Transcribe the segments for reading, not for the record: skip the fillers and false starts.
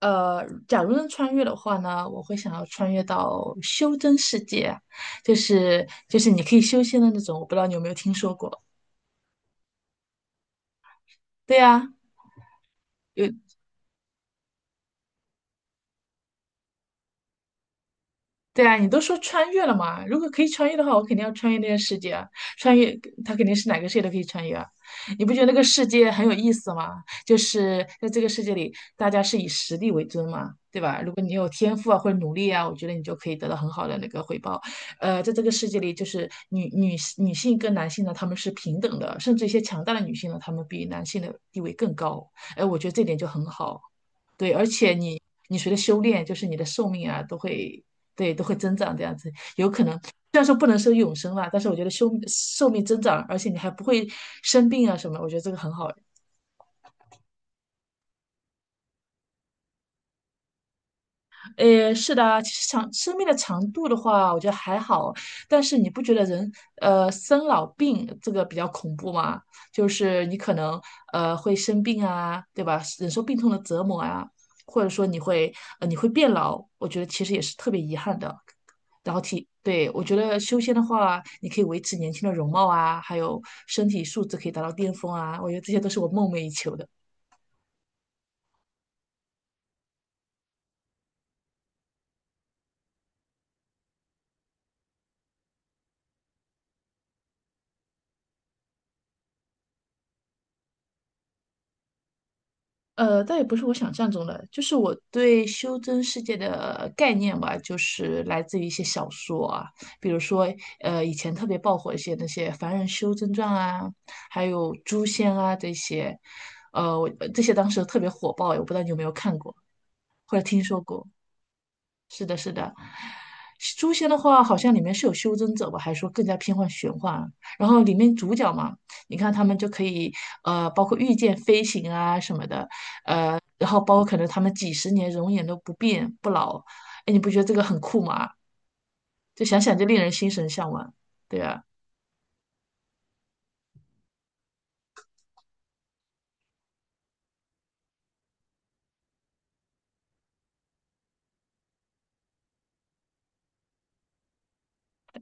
假如能穿越的话呢，我会想要穿越到修真世界啊。就是你可以修仙的那种，我不知道你有没有听说过？对呀，有。对啊，你都说穿越了嘛？如果可以穿越的话，我肯定要穿越那个世界啊！穿越，它肯定是哪个世界都可以穿越啊！你不觉得那个世界很有意思吗？就是在这个世界里，大家是以实力为尊嘛，对吧？如果你有天赋啊或者努力啊，我觉得你就可以得到很好的那个回报。在这个世界里，就是女性跟男性呢，他们是平等的，甚至一些强大的女性呢，她们比男性的地位更高。哎、我觉得这点就很好。对，而且你你随着修炼，就是你的寿命啊，都会对都会增长这样子，有可能虽然说不能说永生啦，但是我觉得寿命增长，而且你还不会生病啊什么，我觉得这个很好。诶，是的啊，其实长生命的长度的话，我觉得还好，但是你不觉得人生老病这个比较恐怖吗？就是你可能会生病啊，对吧？忍受病痛的折磨啊，或者说你会你会变老，我觉得其实也是特别遗憾的。然后体，对，我觉得修仙的话，你可以维持年轻的容貌啊，还有身体素质可以达到巅峰啊，我觉得这些都是我梦寐以求的。倒也不是我想象中的，就是我对修真世界的概念吧，就是来自于一些小说啊，比如说，以前特别爆火一些那些《凡人修真传》啊，还有《诛仙》啊这些，呃，我这些当时特别火爆，我不知道你有没有看过或者听说过。是的，是的，《诛仙》的话，好像里面是有修真者吧，还是说更加偏向玄幻啊？然后里面主角嘛，你看他们就可以，包括御剑飞行啊什么的。然后包括可能他们几十年容颜都不变不老，哎，你不觉得这个很酷吗？就想想就令人心神向往，对啊。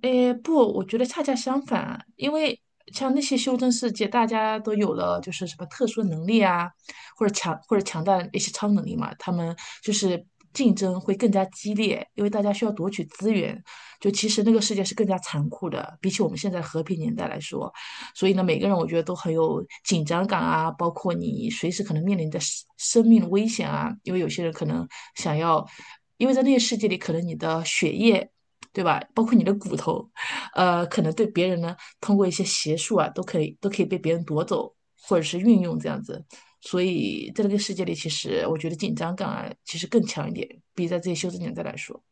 诶，不，我觉得恰恰相反啊。因为像那些修真世界，大家都有了就是什么特殊能力啊，或者强大的一些超能力嘛，他们就是竞争会更加激烈，因为大家需要夺取资源。就其实那个世界是更加残酷的，比起我们现在和平年代来说，所以呢，每个人我觉得都很有紧张感啊，包括你随时可能面临的生命危险啊，因为有些人可能想要，因为在那个世界里，可能你的血液。对吧？包括你的骨头，可能对别人呢，通过一些邪术啊，都可以被别人夺走，或者是运用这样子。所以在那个世界里，其实我觉得紧张感啊，其实更强一点，比在这些修真年代来说。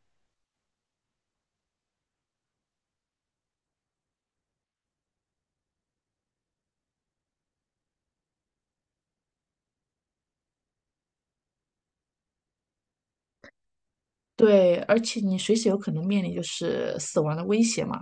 对，而且你随时有可能面临就是死亡的威胁嘛。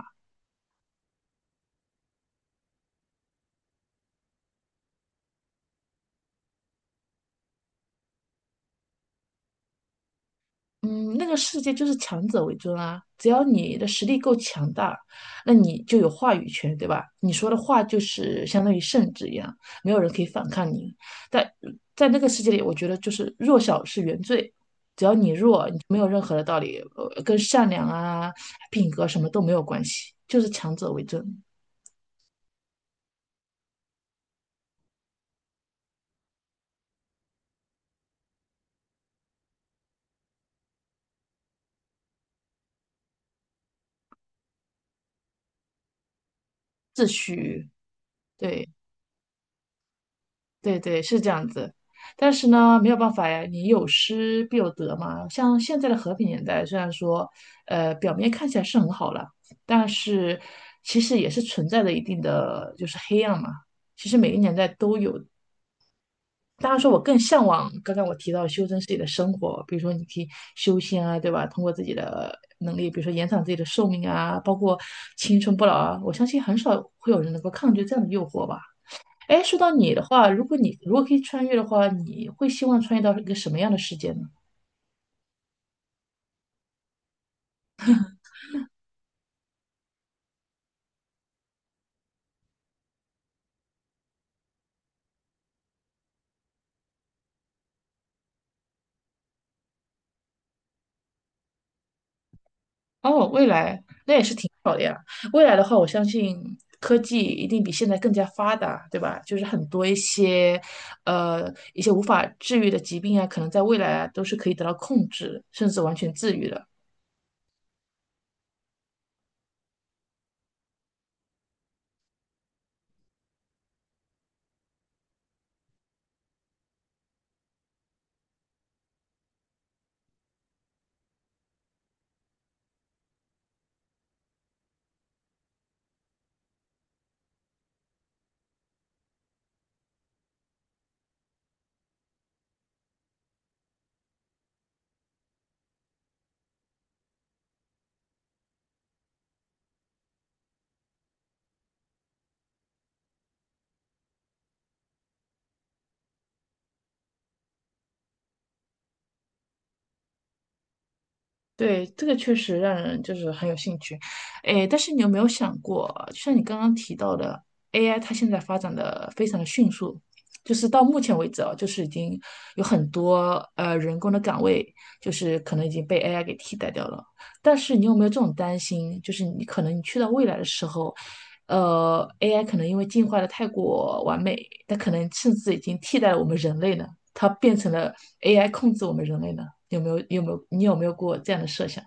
嗯，那个世界就是强者为尊啊！只要你的实力够强大，那你就有话语权，对吧？你说的话就是相当于圣旨一样，没有人可以反抗你。在在那个世界里，我觉得就是弱小是原罪，只要你弱，你没有任何的道理，跟善良啊、品格什么都没有关系，就是强者为尊，秩序，对。对，是这样子。但是呢，没有办法呀，你有失必有得嘛。像现在的和平年代，虽然说，表面看起来是很好了，但是其实也是存在着一定的就是黑暗嘛。其实每个年代都有。当然说，我更向往刚刚我提到修真自己的生活，比如说你可以修仙啊，对吧？通过自己的能力，比如说延长自己的寿命啊，包括青春不老啊。我相信很少会有人能够抗拒这样的诱惑吧。哎，说到你的话，如果你如果可以穿越的话，你会希望穿越到一个什么样的世界呢？哦，未来，未来的话，我相信科技一定比现在更加发达，对吧？就是很多一些，一些无法治愈的疾病啊，可能在未来啊都是可以得到控制，甚至完全治愈的。对，这个确实让人就是很有兴趣，诶，但是你有没有想过，就像你刚刚提到的，AI 它现在发展的非常的迅速，就是到目前为止啊，就是已经有很多人工的岗位，就是可能已经被 AI 给替代掉了。但是你有没有这种担心，就是你可能你去到未来的时候，AI 可能因为进化的太过完美，它可能甚至已经替代了我们人类呢？它变成了 AI 控制我们人类呢？有没有你有没有过这样的设想？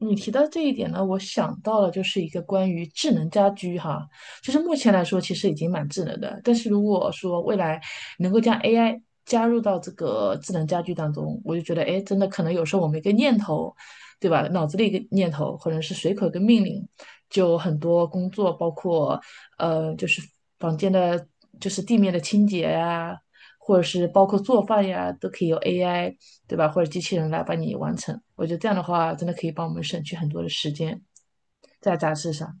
你提到这一点呢，我想到了就是一个关于智能家居哈，就是目前来说其实已经蛮智能的，但是如果说未来能够将 AI 加入到这个智能家居当中，我就觉得哎，诶真的可能有时候我们一个念头，对吧？脑子里一个念头，或者是随口一个命令，就很多工作，包括呃，就是房间的，就是地面的清洁呀、或者是包括做饭呀，都可以由 AI 对吧？或者机器人来帮你完成。我觉得这样的话，真的可以帮我们省去很多的时间在杂志上。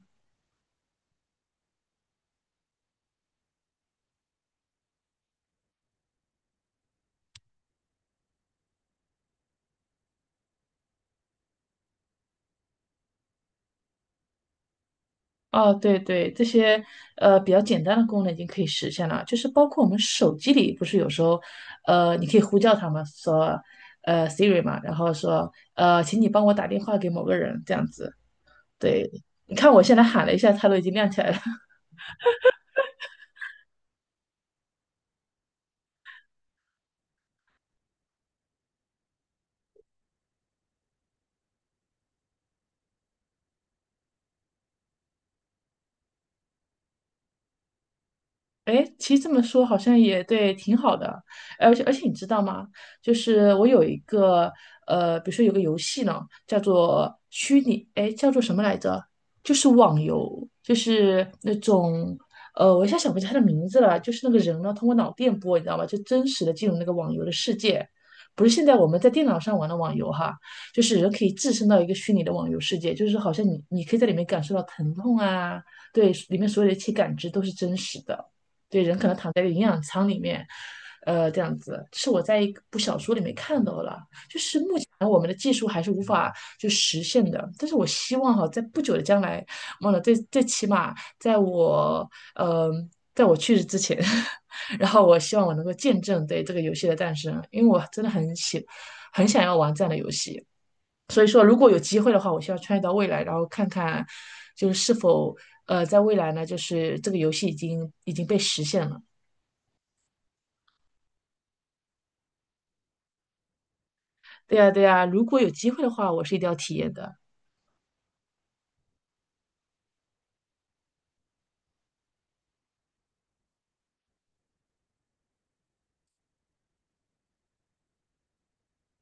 哦，对对，这些比较简单的功能已经可以实现了，就是包括我们手机里不是有时候，你可以呼叫他们说，呃，Siri 嘛，然后说，请你帮我打电话给某个人这样子。对，你看我现在喊了一下，它都已经亮起来了。哎，其实这么说好像也对，挺好的。而且你知道吗？就是我有一个比如说有个游戏呢，叫做虚拟，哎，叫做什么来着？就是网游，就是那种我一下想不起来它的名字了。就是那个人呢，通过脑电波，你知道吗？就真实的进入那个网游的世界，不是现在我们在电脑上玩的网游哈，就是人可以置身到一个虚拟的网游世界，就是好像你可以在里面感受到疼痛啊，对，里面所有的一切感知都是真实的。对，人可能躺在一个营养舱里面，这样子是我在一部小说里面看到了。然后我们的技术还是无法就实现的，但是我希望哈，在不久的将来，忘了最最起码在我呃，在我去世之前，然后我希望我能够见证对这个游戏的诞生，因为我真的很喜很想要玩这样的游戏。所以说，如果有机会的话，我希望穿越到未来，然后看看就是是否在未来呢，就是这个游戏已经被实现了。对呀，对呀，如果有机会的话，我是一定要体验的。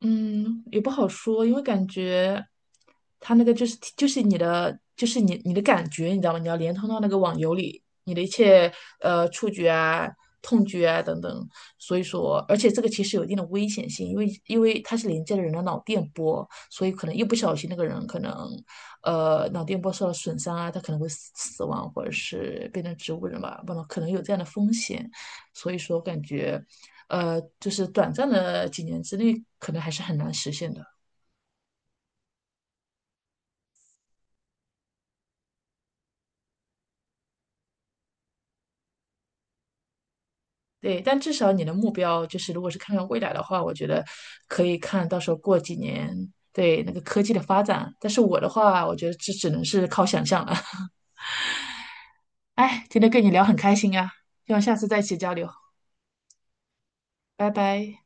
嗯，也不好说，因为感觉他那个就是你的就是你的感觉，你知道吗？你要连通到那个网游里，你的一切触觉啊、痛觉啊等等。所以说，而且这个其实有一定的危险性，因为它是连接了人的脑电波，所以可能一不小心那个人可能脑电波受到损伤啊，他可能会死亡或者是变成植物人吧，不能可能有这样的风险。所以说，感觉。就是短暂的几年之内，可能还是很难实现的。对，但至少你的目标就是，如果是看看未来的话，我觉得可以看到时候过几年对那个科技的发展。但是我的话，我觉得这只能是靠想象了。哎，今天跟你聊很开心啊，希望下次再一起交流，拜拜。